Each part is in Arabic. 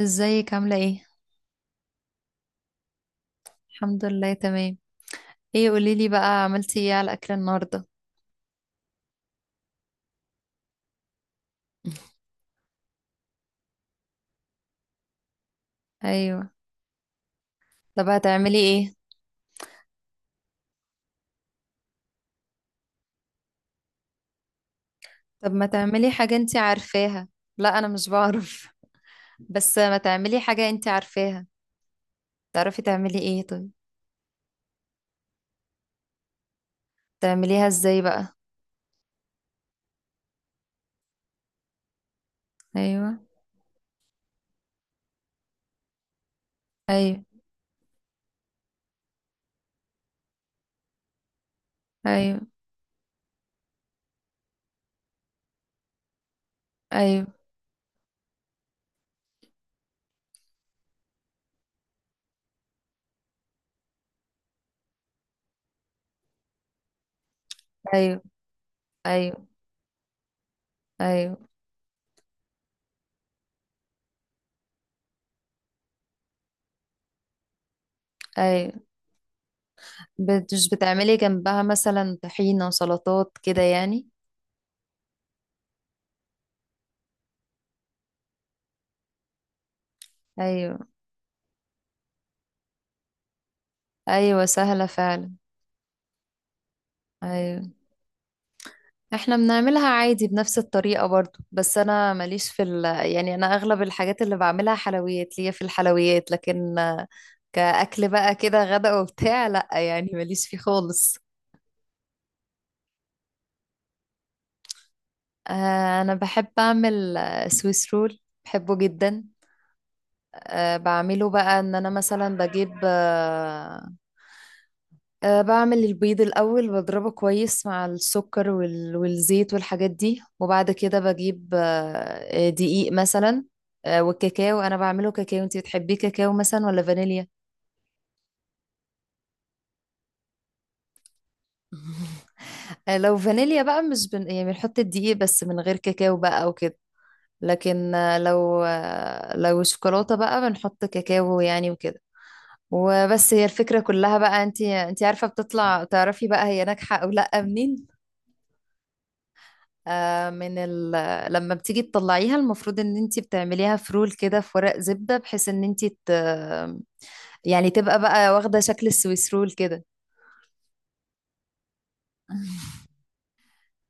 ازيك عاملة ايه؟ الحمد لله تمام. ايه قوليلي بقى، عملتي ايه على الأكل النهاردة؟ ايوه. طب هتعملي ايه؟ طب ما تعملي حاجة انتي عارفاها. لا أنا مش بعرف. بس ما تعملي حاجة انتي عارفاها. تعرفي تعملي ايه طيب؟ تعمليها ازاي بقى؟ ايوه. ايوه. ايوه. ايوه. ايوه. ايوه. ايوه. ايوه. مش بتعملي جنبها مثلا طحينة سلطات كده يعني؟ ايوه. ايوه سهلة فعلا. ايوه احنا بنعملها عادي بنفس الطريقة برضو، بس انا ماليش في يعني انا اغلب الحاجات اللي بعملها حلويات، ليا في الحلويات، لكن كأكل بقى كده غدا وبتاع. لا يعني ماليش فيه خالص. انا بحب اعمل سويس رول. بحبه جدا. بعمله بقى ان انا مثلا بجيب آه، أه بعمل البيض الأول بضربه كويس مع السكر والزيت والحاجات دي، وبعد كده بجيب دقيق مثلا. والكاكاو أنا بعمله كاكاو. أنتي بتحبيه كاكاو مثلا ولا فانيليا؟ لو فانيليا بقى مش يعني بنحط الدقيق بس من غير كاكاو بقى وكده. لكن لو شوكولاتة بقى بنحط كاكاو يعني وكده. وبس هي الفكرة كلها بقى، انتي عارفة بتطلع تعرفي بقى هي ناجحة او لا منين. آه، من ال... لما بتيجي تطلعيها المفروض ان انت بتعمليها فرول كده في ورق زبدة، بحيث ان انت يعني تبقى بقى واخدة شكل السويس رول كده.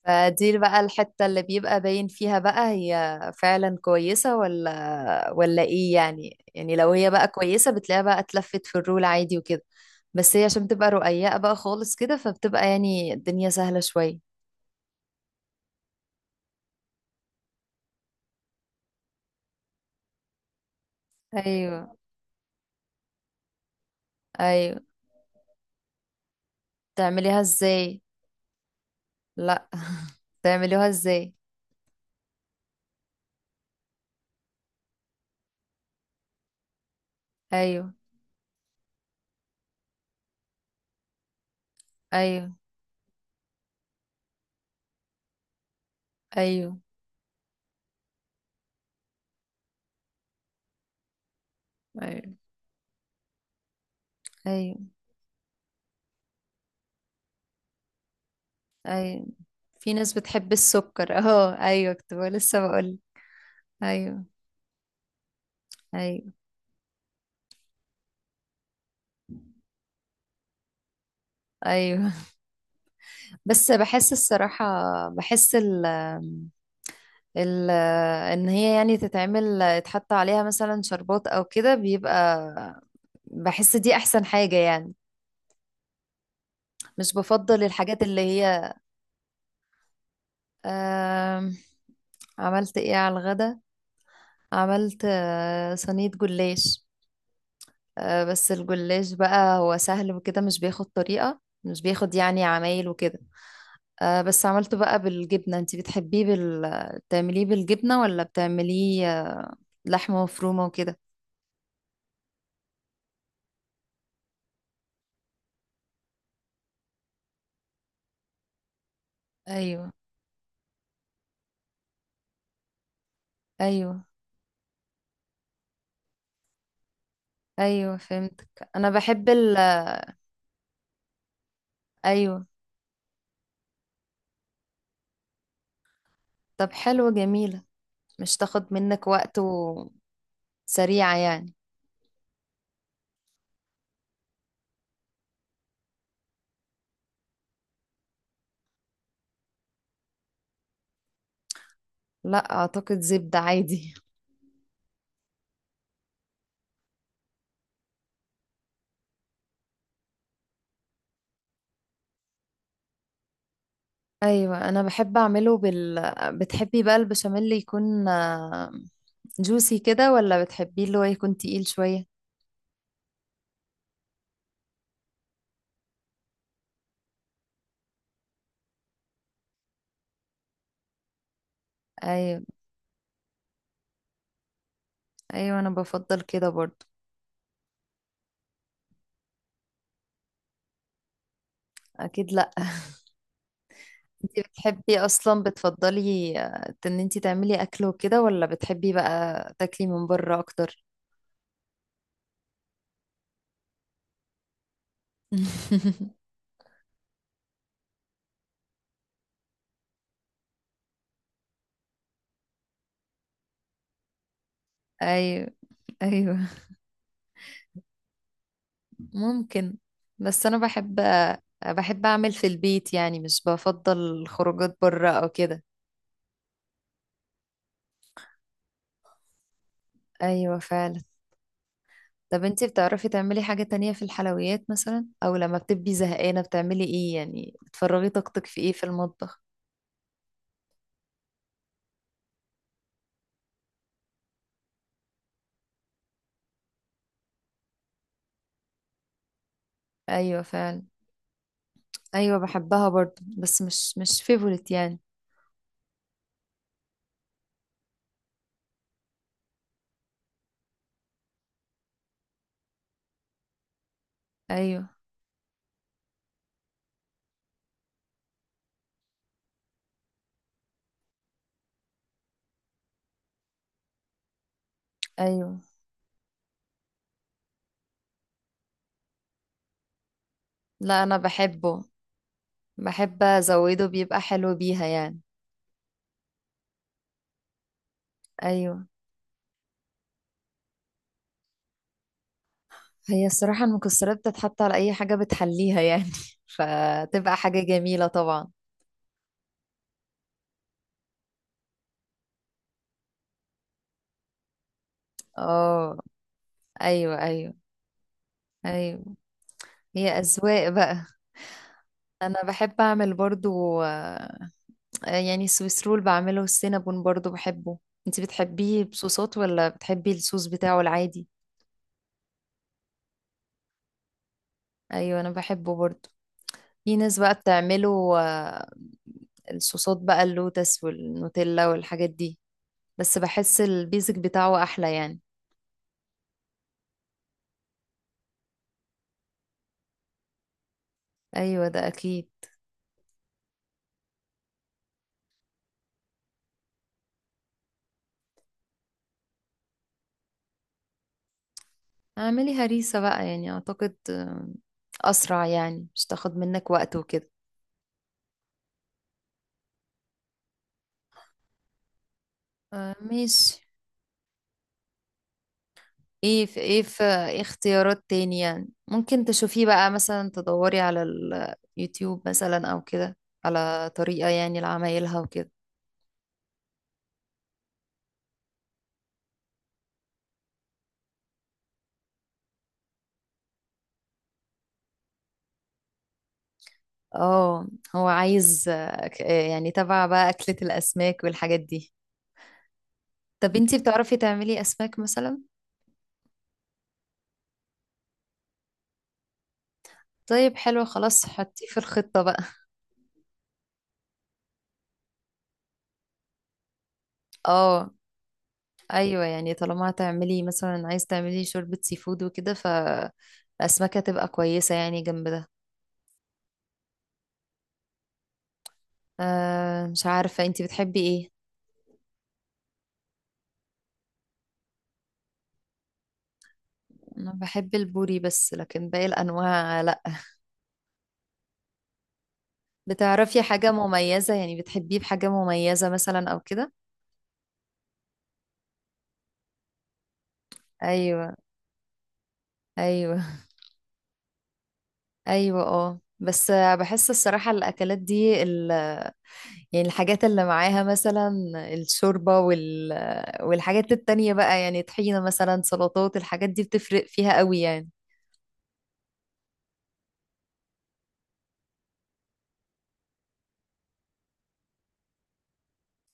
فدي بقى الحتة اللي بيبقى باين فيها بقى هي فعلا كويسة ولا ايه يعني. يعني لو هي بقى كويسة بتلاقيها بقى اتلفت في الرول عادي وكده. بس هي عشان بتبقى رقيقة بقى خالص كده، فبتبقى يعني الدنيا سهلة شوية. ايوه. ايوه. تعمليها ازاي؟ لا. تعمليها ازاي؟ ايوه. ايوه. ايوه. أيوة. ايوه. ايوه. في ناس بتحب السكر اهو. ايوه لسه بقول. ايوه. ايوه. ايوه. بس بحس الصراحه، بحس ال ال ان هي يعني تتعمل، يتحط عليها مثلا شربات او كده، بيبقى، بحس دي احسن حاجه يعني. مش بفضل الحاجات اللي هي. آم، عملت ايه على الغدا. عملت صينيه جلاش. بس الجلاش بقى هو سهل وكده، مش بياخد طريقة، مش بياخد يعني عمايل وكده. بس عملته بقى بالجبنة. انتي بتحبيه بتعمليه بالجبنة ولا بتعمليه لحمة مفرومة وكده. ايوه. ايوه. ايوه فهمتك. انا بحب ايوه. طب حلوة جميلة. مش تاخد منك وقت، وسريعة يعني. لا اعتقد زبدة عادي. ايوه انا بحب اعمله بتحبي بقى البشاميل يكون جوسي كده، ولا بتحبيه اللي هو يكون تقيل شوية؟ ايوه. ايوه انا بفضل كده برضو. اكيد لا. انتي بتحبي اصلا، بتفضلي ان انتي تعملي اكل وكده، ولا بتحبي بقى تاكلي من بره اكتر؟ ايوه. ايوه. ممكن. بس انا بحب، اعمل في البيت يعني، مش بفضل خروجات بره او كده. ايوه فعلا. طب انتي بتعرفي تعملي حاجة تانية في الحلويات مثلا، او لما بتبقي زهقانة بتعملي ايه يعني، بتفرغي طاقتك في ايه في المطبخ؟ ايوه فعلا. ايوه بحبها برضو بس مش فيفورت يعني. ايوه. ايوه. لا انا بحبه، بحب ازوده، بيبقى حلو بيها يعني. ايوه. هي الصراحة المكسرات بتتحط على اي حاجة بتحليها يعني. فتبقى حاجة جميلة طبعا. اه. ايوه. ايوه. ايوه. هي اذواق بقى. انا بحب اعمل برضو يعني السويس رول بعمله، والسينابون برضو بحبه. انت بتحبيه بصوصات ولا بتحبي الصوص بتاعه العادي؟ ايوه انا بحبه برضو. في ناس بقى بتعمله الصوصات بقى اللوتس والنوتيلا والحاجات دي. بس بحس البيزك بتاعه احلى يعني. ايوه ده اكيد. اعملي هريسة بقى يعني، اعتقد اسرع يعني، مش تاخد منك وقت وكده. ماشي. ايه في ايه في إيه اختيارات تانية ممكن تشوفيه بقى، مثلا تدوري على اليوتيوب مثلا او كده، على طريقة يعني لعمايلها وكده. اه، هو عايز يعني تبع بقى أكلة الأسماك والحاجات دي. طب انتي بتعرفي تعملي أسماك مثلا؟ طيب حلو خلاص حطيه في الخطة بقى. اه. ايوه يعني، طالما هتعملي مثلا، عايز تعملي شوربة سي فود وكده، فالأسماك هتبقى كويسة يعني جنب ده. آه مش عارفة انتي بتحبي ايه. انا بحب البوري بس لكن باقي الانواع لا. بتعرفي حاجة مميزة يعني، بتحبيه بحاجة مميزة مثلا او كده؟ ايوه. ايوه. ايوه. اه بس بحس الصراحة الاكلات دي يعني الحاجات اللي معاها مثلا، الشوربة والحاجات التانية بقى يعني، طحينة مثلا، سلطات، الحاجات دي بتفرق فيها قوي يعني.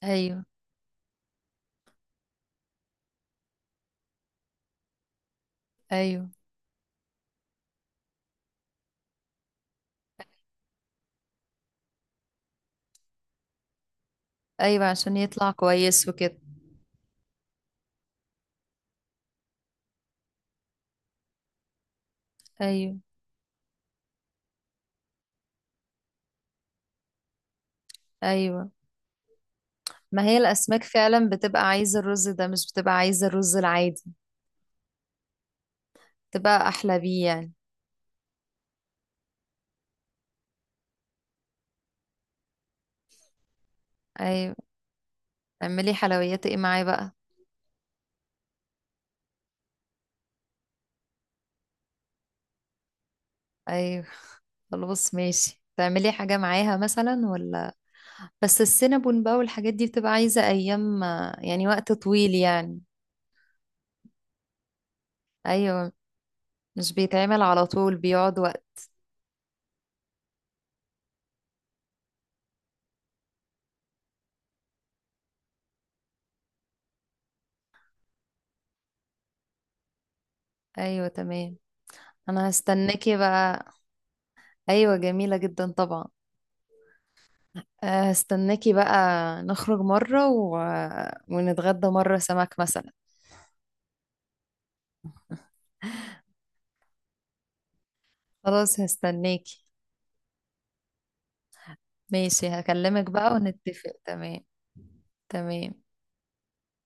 ايوه. ايوه. ايوه عشان يطلع كويس وكده. ايوه. ايوه. ما هي الاسماك فعلا بتبقى عايزة الرز ده، مش بتبقى عايزة الرز العادي. تبقى احلى بيه يعني. ايوه. اعملي حلويات ايه معاه بقى؟ ايوه خلاص ماشي، تعملي حاجة معاها مثلا ولا؟ بس السينابون بقى والحاجات دي بتبقى عايزة ايام يعني، وقت طويل يعني. ايوه مش بيتعمل على طول، بيقعد وقت. ايوه تمام. انا هستناكي بقى. ايوه جميلة جدا طبعا. هستناكي بقى. نخرج مرة ونتغدى مرة سمك مثلا. خلاص هستناكي. ماشي هكلمك بقى ونتفق. تمام. تمام